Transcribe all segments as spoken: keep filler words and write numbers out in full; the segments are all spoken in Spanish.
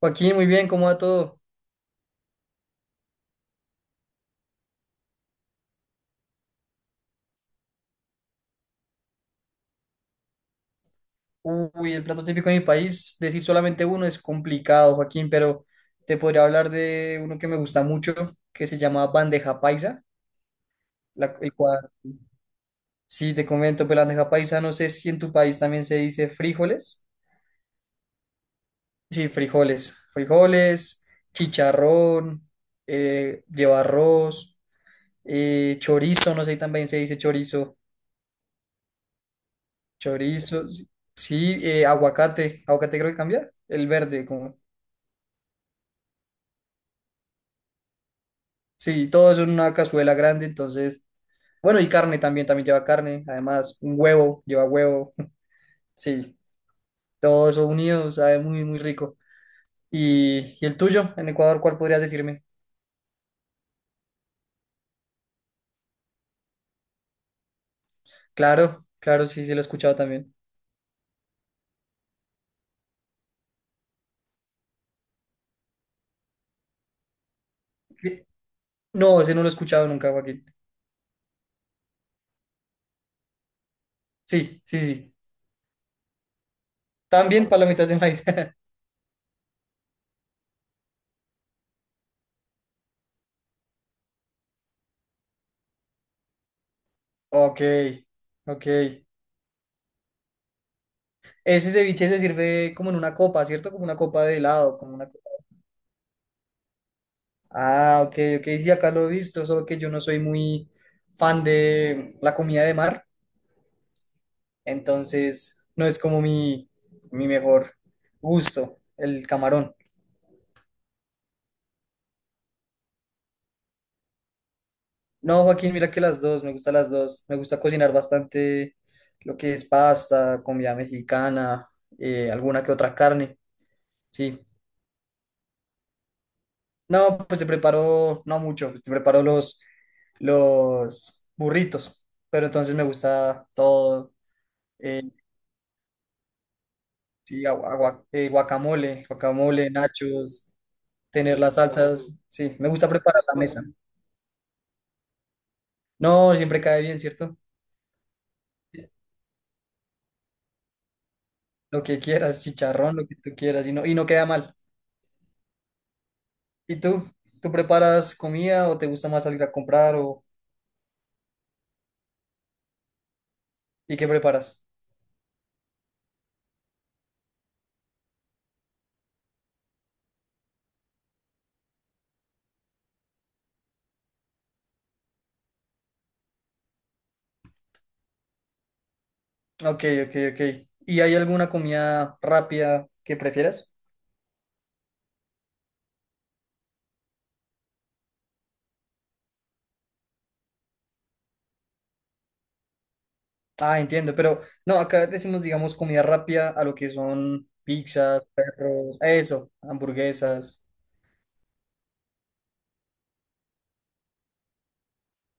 Joaquín, muy bien, ¿cómo va todo? Uy, el plato típico de mi país, decir solamente uno es complicado, Joaquín, pero te podría hablar de uno que me gusta mucho, que se llama bandeja paisa, la, el cual, sí, te comento, pero la bandeja paisa, no sé si en tu país también se dice frijoles. Sí, frijoles, frijoles, chicharrón, eh, lleva arroz, eh, chorizo, no sé si también se dice chorizo, chorizo, sí, eh, aguacate, aguacate creo que cambia, el verde, como. Sí, todo eso en una cazuela grande, entonces, bueno, y carne también, también lleva carne, además, un huevo, lleva huevo, sí, todo eso unido, sabe muy, muy rico. ¿Y, y el tuyo, en Ecuador, cuál podrías decirme? Claro, claro, sí, sí, lo he escuchado también. Eh, No, ese no lo he escuchado nunca, Joaquín. Sí, sí, sí. También palomitas de maíz. Ok, ok. Ese ceviche se sirve como en una copa, ¿cierto? Como una copa de helado, como una. Ah, ok, ok, sí, acá lo he visto, solo que yo no soy muy fan de la comida de mar, entonces no es como mi, mi mejor gusto, el camarón. No, Joaquín, mira que las dos, me gustan las dos, me gusta cocinar bastante lo que es pasta, comida mexicana, eh, alguna que otra carne, sí. No, pues te preparo, no mucho, pues te preparo los, los burritos, pero entonces me gusta todo. eh, Sí, agua- agua- eh, guacamole, guacamole, nachos, tener las salsas. Sí, me gusta preparar la mesa. No, siempre cae bien, ¿cierto? Lo que quieras, chicharrón, lo que tú quieras, y no, y no queda mal. ¿Y tú? ¿Tú preparas comida o te gusta más salir a comprar o y qué preparas? Ok, ok, ok. ¿Y hay alguna comida rápida que prefieras? Ah, entiendo, pero no, acá decimos, digamos, comida rápida a lo que son pizzas, perros, eso, hamburguesas.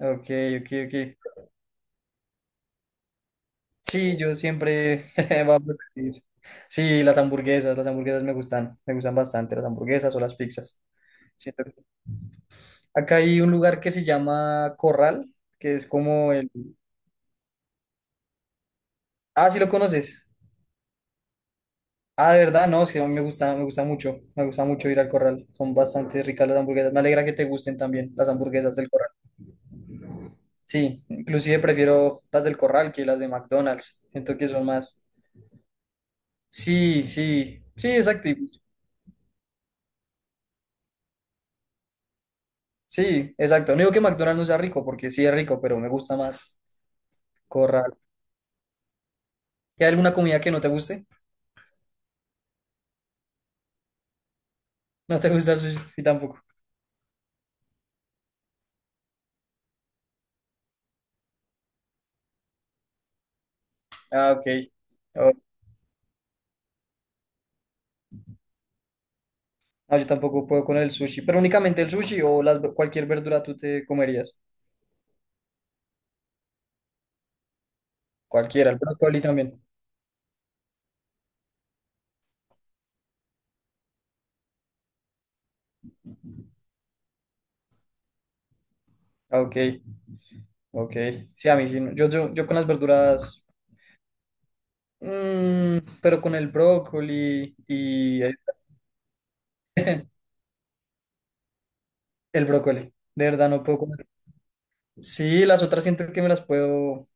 Ok, ok, ok. Sí, yo siempre voy a preferir. Sí, las hamburguesas, las hamburguesas me gustan, me gustan bastante las hamburguesas o las pizzas. Siento que. Acá hay un lugar que se llama Corral, que es como el. Ah, sí lo conoces. Ah, de verdad, no, sí, a mí me gusta, me gusta mucho, me gusta mucho ir al Corral. Son bastante ricas las hamburguesas. Me alegra que te gusten también las hamburguesas del Corral. Sí, inclusive prefiero las del Corral que las de McDonald's. Siento que son más. Sí, sí, sí, exacto. Sí, exacto. No digo que McDonald's no sea rico, porque sí es rico, pero me gusta más Corral. ¿Y hay alguna comida que no te guste? No te gusta el sushi Y tampoco. Ah, ok. Oh, no, yo tampoco puedo con el sushi, pero únicamente el sushi o las, cualquier verdura tú te comerías. Cualquiera, el brócoli también. Ah, Ok, ok. Sí, a mí sí. no. Yo, yo, yo con las verduras, mm, pero con el brócoli y el, el brócoli. De verdad, no puedo. Sí, las otras siento que me las puedo,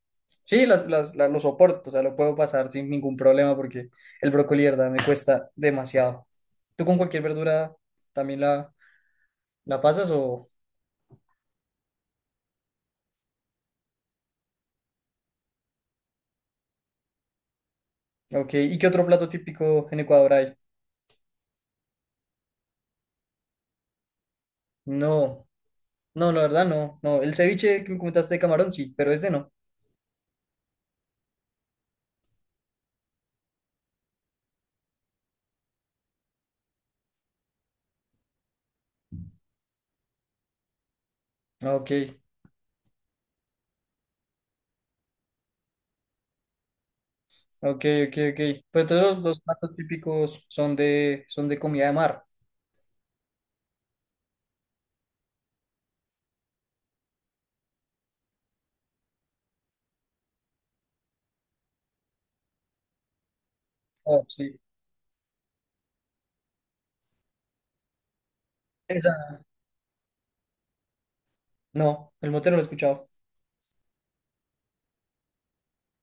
sí, las, las, las- lo soporto, o sea, lo puedo pasar sin ningún problema porque el brócoli, de verdad, me cuesta demasiado. ¿Tú con cualquier verdura también la, la pasas o, ok, ¿y qué otro plato típico en Ecuador hay? No, no, la verdad no, no, el ceviche que me comentaste de camarón, sí, pero este no. Ok, ok, ok, ok. Pues entonces los, los platos típicos son de, son de comida de mar. Oh, sí. Esa, no, el mote no lo he escuchado.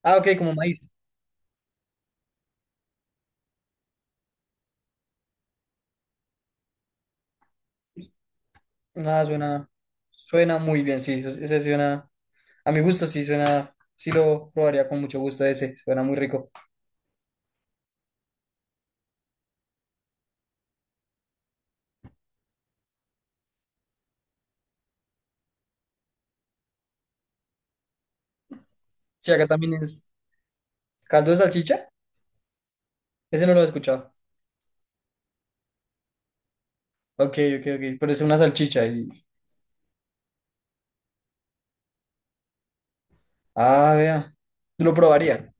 Ah, ok, como maíz. Nada, suena, suena muy bien, sí, ese ese suena, a mi gusto sí suena, sí lo probaría con mucho gusto ese, suena muy rico. Sí, acá también es caldo de salchicha, ese no lo he escuchado. Ok, ok, ok, pero es una salchicha y, ah, vea, lo probaría,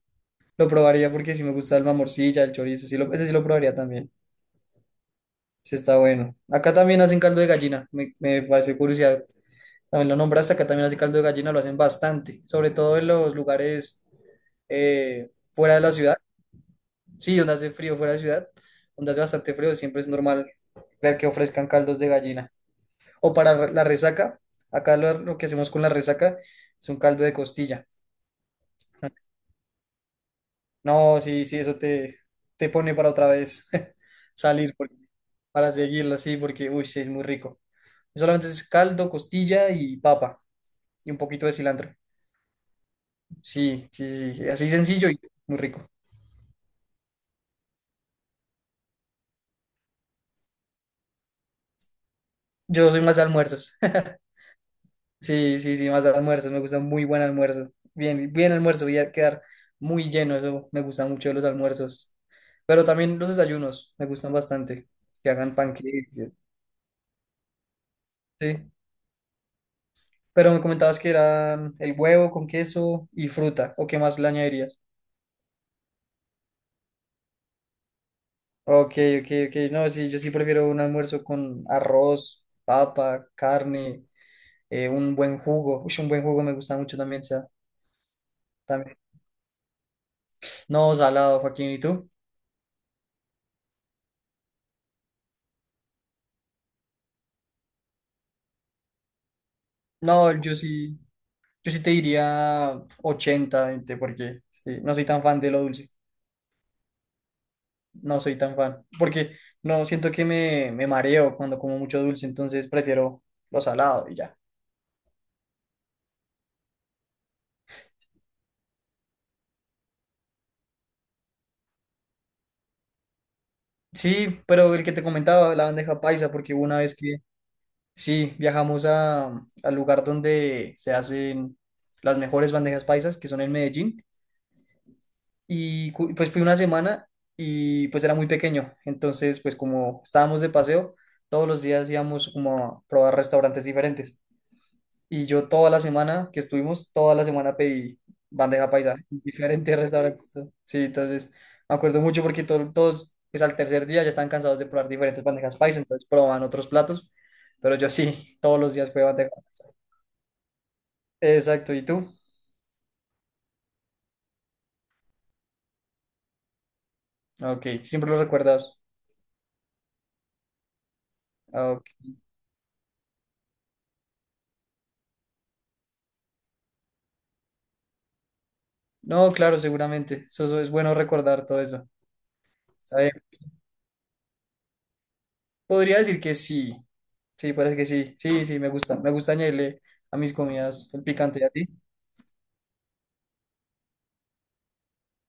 lo probaría porque sí me gusta el mamorcilla, el chorizo, sí lo, ese sí lo probaría también, sí está bueno. Acá también hacen caldo de gallina, me, me parece curiosidad, también lo nombraste, acá también hacen caldo de gallina, lo hacen bastante, sobre todo en los lugares eh, fuera de la ciudad. Sí, donde hace frío fuera de ciudad, donde hace bastante frío, siempre es normal ver que ofrezcan caldos de gallina. O para re- la resaca, acá lo, lo que hacemos con la resaca es un caldo de costilla. No, sí, sí, eso te, te pone para otra vez salir, porque. Para seguirlo así, porque, uy, sí, es muy rico. Solamente es caldo, costilla y papa, y un poquito de cilantro. Sí, sí, sí, sí, así sencillo y muy rico. Yo soy más de almuerzos. Sí, sí, sí, más almuerzos, me gusta muy buen almuerzo. Bien, bien almuerzo, voy a quedar muy lleno, eso me gusta mucho de los almuerzos. Pero también los desayunos, me gustan bastante, que hagan panqueques. Sí, pero me comentabas que eran el huevo con queso y fruta, ¿o qué más le añadirías? Ok, ok, ok, no, sí, yo sí prefiero un almuerzo con arroz, papa, carne, eh, un buen jugo. Uy, un buen jugo me gusta mucho también, sea, también. No, salado, Joaquín, ¿y tú? No, yo sí. Yo sí te diría ochenta veinte porque sí, no soy tan fan de lo dulce. No soy tan fan. Porque no siento que me, me mareo cuando como mucho dulce, entonces prefiero lo salado y ya. Sí, pero el que te comentaba, la bandeja paisa, porque hubo una vez que sí viajamos a, al lugar donde se hacen las mejores bandejas paisas, que son en Medellín, y cu- pues fui una semana y pues era muy pequeño. Entonces, pues como estábamos de paseo, todos los días íbamos como a probar restaurantes diferentes. Y yo toda la semana que estuvimos, toda la semana pedí bandeja paisa en diferentes restaurantes. Sí, entonces me acuerdo mucho porque to- todos, pues al tercer día ya estaban cansados de probar diferentes bandejas paisa, entonces probaban otros platos, pero yo sí, todos los días fue bandeja paisa. Exacto, ¿y tú? Ok, siempre lo recuerdas. Ah, ok. No, claro, seguramente. Eso, eso es bueno recordar todo eso. Está bien. Podría decir que sí. Sí, parece que sí. Sí, sí, me gusta. Me gusta añadirle a mis comidas el picante y a ti.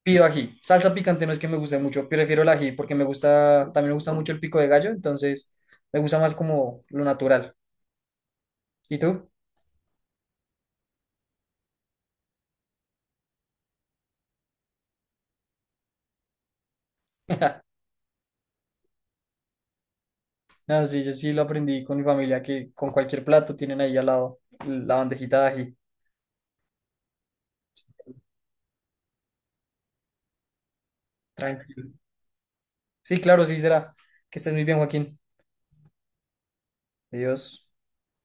Pido ají. Salsa picante no es que me guste mucho, prefiero el ají porque me gusta, también me gusta mucho el pico de gallo, entonces me gusta más como lo natural. ¿Y tú? No, sí, yo sí lo aprendí con mi familia, que con cualquier plato tienen ahí al lado la bandejita de ají. Tranquilo. Sí, claro, sí será. Que estés muy bien, Joaquín. Adiós.